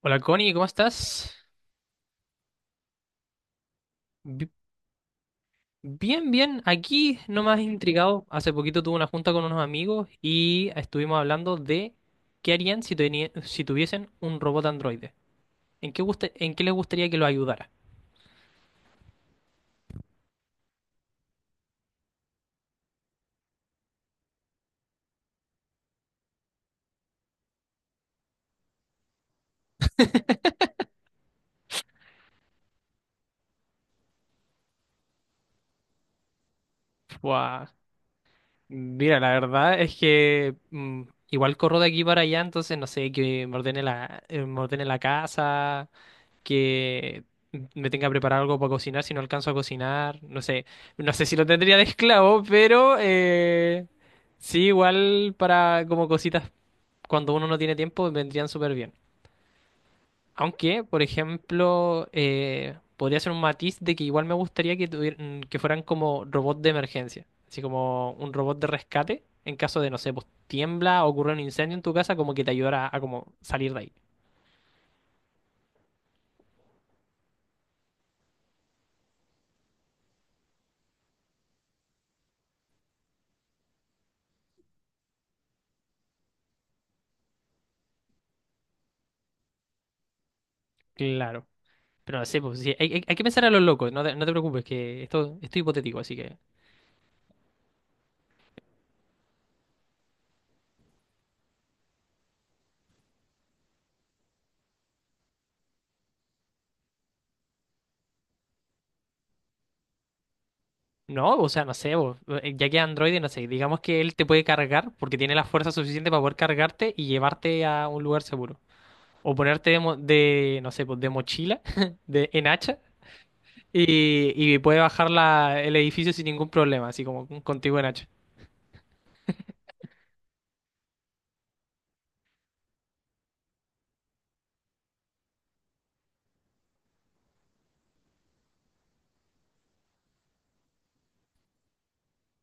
Hola Connie, ¿cómo estás? Bi- Bien, bien. Aquí nomás intrigado. Hace poquito tuve una junta con unos amigos y estuvimos hablando de qué harían si, si tuviesen un robot androide. ¿En qué, en qué les gustaría que lo ayudara? Buah. Mira, la verdad es que igual corro de aquí para allá, entonces no sé, que me ordene la casa, que me tenga que preparar algo para cocinar si no alcanzo a cocinar. No sé, no sé si lo tendría de esclavo, pero sí, igual para como cositas cuando uno no tiene tiempo vendrían súper bien. Aunque, por ejemplo, podría ser un matiz de que igual me gustaría que, tuvieran, que fueran como robots de emergencia, así como un robot de rescate en caso de, no sé, pues tiembla o ocurre un incendio en tu casa, como que te ayudara a como salir de ahí. Claro. Pero no sé, pues, sí, hay, hay que pensar a los locos, no te, no te preocupes, que esto es hipotético, así que... No, o sea, no sé, vos, ya que Android, no sé, digamos que él te puede cargar porque tiene la fuerza suficiente para poder cargarte y llevarte a un lugar seguro. O ponerte de, de, no sé, pues de mochila, de, en hacha, y puede bajar el edificio sin ningún problema, así como contigo en hacha.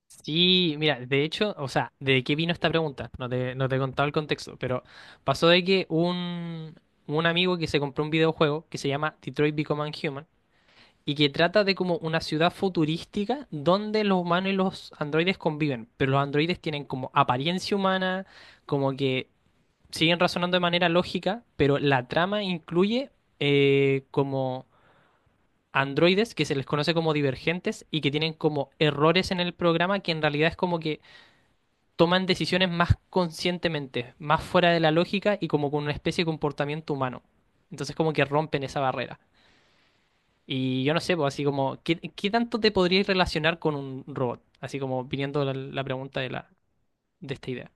Sí, mira, de hecho, o sea, ¿de qué vino esta pregunta? No te, no te he contado el contexto, pero pasó de que un amigo que se compró un videojuego que se llama Detroit Become Human y que trata de como una ciudad futurística donde los humanos y los androides conviven, pero los androides tienen como apariencia humana, como que siguen razonando de manera lógica, pero la trama incluye como androides que se les conoce como divergentes y que tienen como errores en el programa que en realidad es como que toman decisiones más conscientemente, más fuera de la lógica y como con una especie de comportamiento humano. Entonces como que rompen esa barrera. Y yo no sé, pues así como, ¿qué, qué tanto te podrías relacionar con un robot? Así como viniendo la, la pregunta de, la, de esta idea.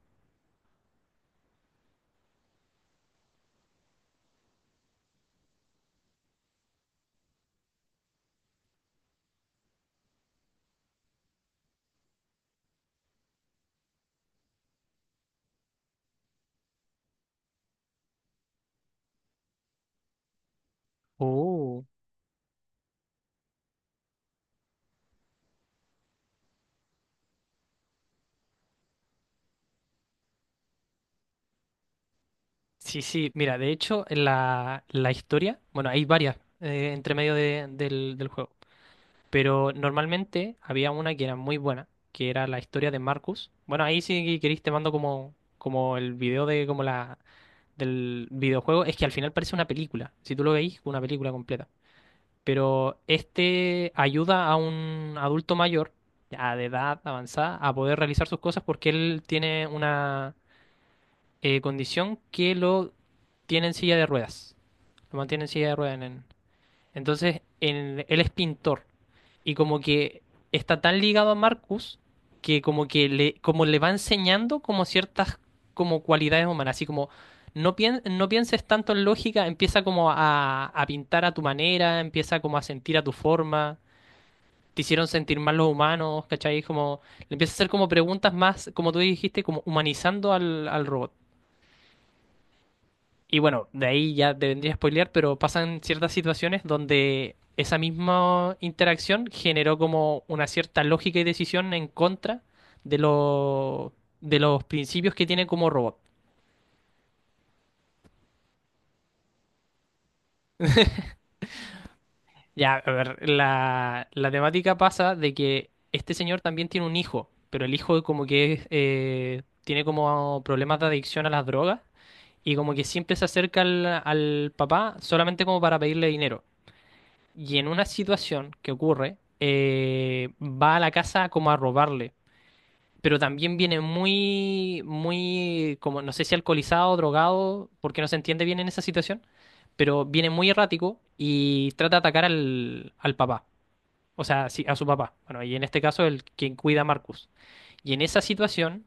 Oh. Sí, sí, mira, de hecho, en la, la historia, bueno, hay varias entre medio del, del juego, pero normalmente había una que era muy buena, que era la historia de Marcus. Bueno, ahí si queréis te mando como, como el video de como la, del videojuego es que al final parece una película. Si tú lo veis, una película completa. Pero este ayuda a un adulto mayor, ya de edad avanzada, a poder realizar sus cosas porque él tiene una condición que lo tiene en silla de ruedas. Lo mantiene en silla de ruedas en, entonces, él es pintor y como que está tan ligado a Marcus que como que le, como le va enseñando como ciertas como cualidades humanas, así como no, no pienses tanto en lógica, empieza como a pintar a tu manera, empieza como a sentir a tu forma, te hicieron sentir mal los humanos, ¿cachai? Como le empieza a hacer como preguntas más, como tú dijiste, como humanizando al, al robot. Y bueno, de ahí ya te vendría a spoilear, pero pasan ciertas situaciones donde esa misma interacción generó como una cierta lógica y decisión en contra de, de los principios que tiene como robot. Ya, a ver, la temática pasa de que este señor también tiene un hijo, pero el hijo como que es, tiene como problemas de adicción a las drogas y como que siempre se acerca al, al papá solamente como para pedirle dinero. Y en una situación que ocurre, va a la casa como a robarle. Pero también viene muy, muy, como no sé si alcoholizado, drogado, porque no se entiende bien en esa situación, pero viene muy errático y trata de atacar al, al papá, o sea, sí, a su papá. Bueno, y en este caso el quien cuida a Marcus. Y en esa situación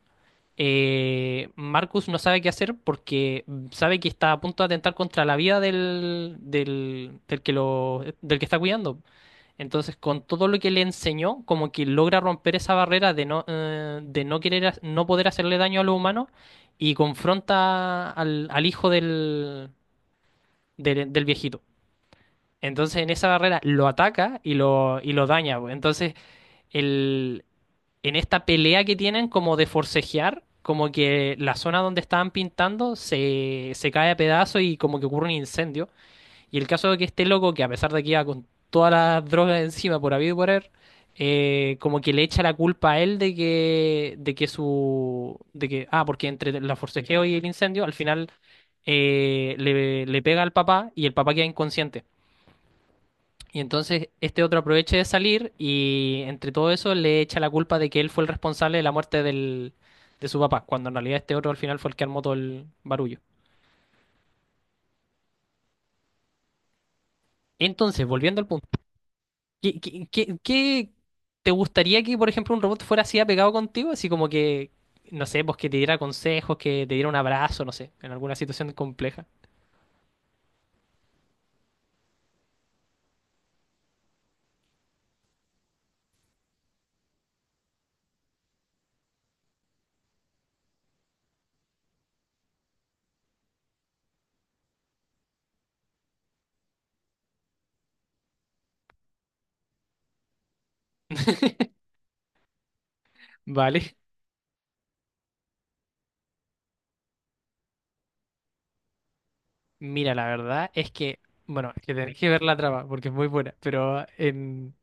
Marcus no sabe qué hacer porque sabe que está a punto de atentar contra la vida del, del, del que lo, del que está cuidando. Entonces, con todo lo que le enseñó, como que logra romper esa barrera de no querer, no poder hacerle daño a los humanos y confronta al, al hijo del, del, del viejito. Entonces, en esa barrera lo ataca y lo daña, pues. Entonces, el, en esta pelea que tienen como de forcejear, como que la zona donde estaban pintando se, se cae a pedazos y como que ocurre un incendio. Y el caso de que este loco, que a pesar de que iba con todas las drogas encima por habido y por haber, como que le echa la culpa a él de que su, de que, ah, porque entre la forcejeo y el incendio, al final le, le pega al papá y el papá queda inconsciente. Y entonces este otro aprovecha de salir y entre todo eso le echa la culpa de que él fue el responsable de la muerte del, de su papá, cuando en realidad este otro al final fue el que armó todo el barullo. Entonces, volviendo al punto, ¿qué, qué te gustaría que, por ejemplo, un robot fuera así apegado contigo? Así como que, no sé, pues que te diera consejos, que te diera un abrazo, no sé, en alguna situación compleja. Vale. Mira, la verdad es que, bueno, es que tenés que ver la trama porque es muy buena, pero en...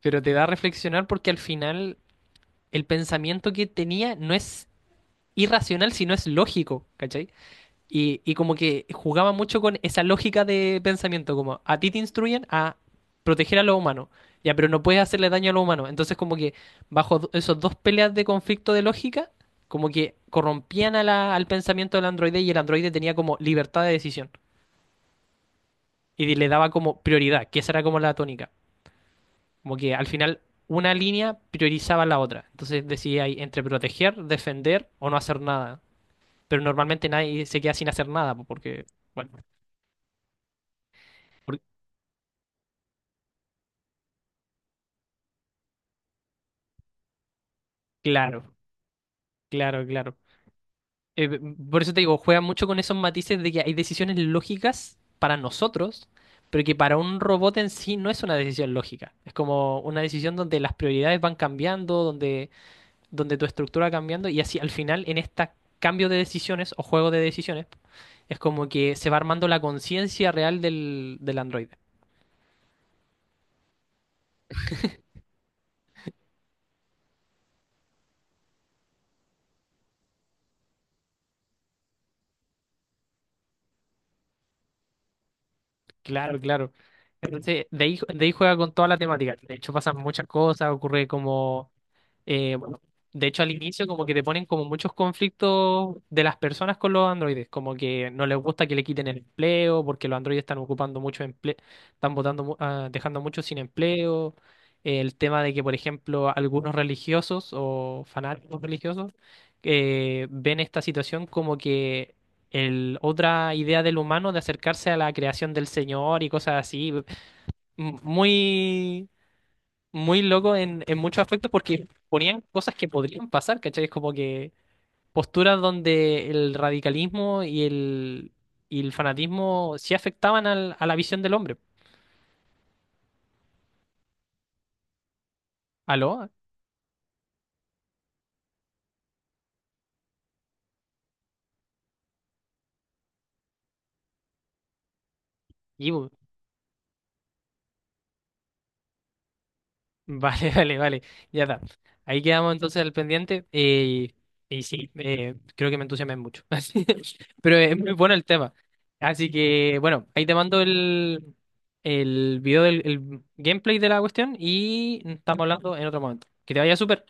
Pero te da a reflexionar porque al final el pensamiento que tenía no es irracional, sino es lógico, ¿cachai? Y como que jugaba mucho con esa lógica de pensamiento, como a ti te instruyen a proteger a los humanos, ya, pero no puedes hacerle daño a los humanos. Entonces como que bajo esos dos peleas de conflicto de lógica, como que corrompían a al pensamiento del androide y el androide tenía como libertad de decisión y le daba como prioridad, que esa era como la tónica. Como que al final una línea priorizaba la otra. Entonces decidía ahí entre proteger, defender o no hacer nada. Pero normalmente nadie se queda sin hacer nada po, porque, bueno, por- claro, claro, claro. Eh, por eso te digo, juega mucho con esos matices de que hay decisiones lógicas para nosotros, pero que para un robot en sí no es una decisión lógica. Es como una decisión donde las prioridades van cambiando, donde tu estructura va cambiando y así al final en este cambio de decisiones o juego de decisiones es como que se va armando la conciencia real del, del androide. Claro, claro. Entonces, de ahí juega con toda la temática. De hecho, pasan muchas cosas, ocurre como... bueno, de hecho, al inicio como que te ponen como muchos conflictos de las personas con los androides, como que no les gusta que le quiten el empleo, porque los androides están ocupando mucho empleo, están botando, ah, dejando muchos sin empleo. El tema de que, por ejemplo, algunos religiosos o fanáticos religiosos ven esta situación como que el, otra idea del humano de acercarse a la creación del Señor y cosas así. Muy, muy loco en muchos aspectos porque ponían cosas que podrían pasar, ¿cachai? Es como que posturas donde el radicalismo y el fanatismo sí afectaban a la visión del hombre. ¿Aló? Y vale, vale, vale. Ya está. Ahí quedamos entonces al pendiente. Y sí, creo que me entusiasmé mucho. Así- Pero es muy bueno el tema. Así que, bueno, ahí te mando el video del el gameplay de la cuestión y estamos hablando en otro momento. Que te vaya súper.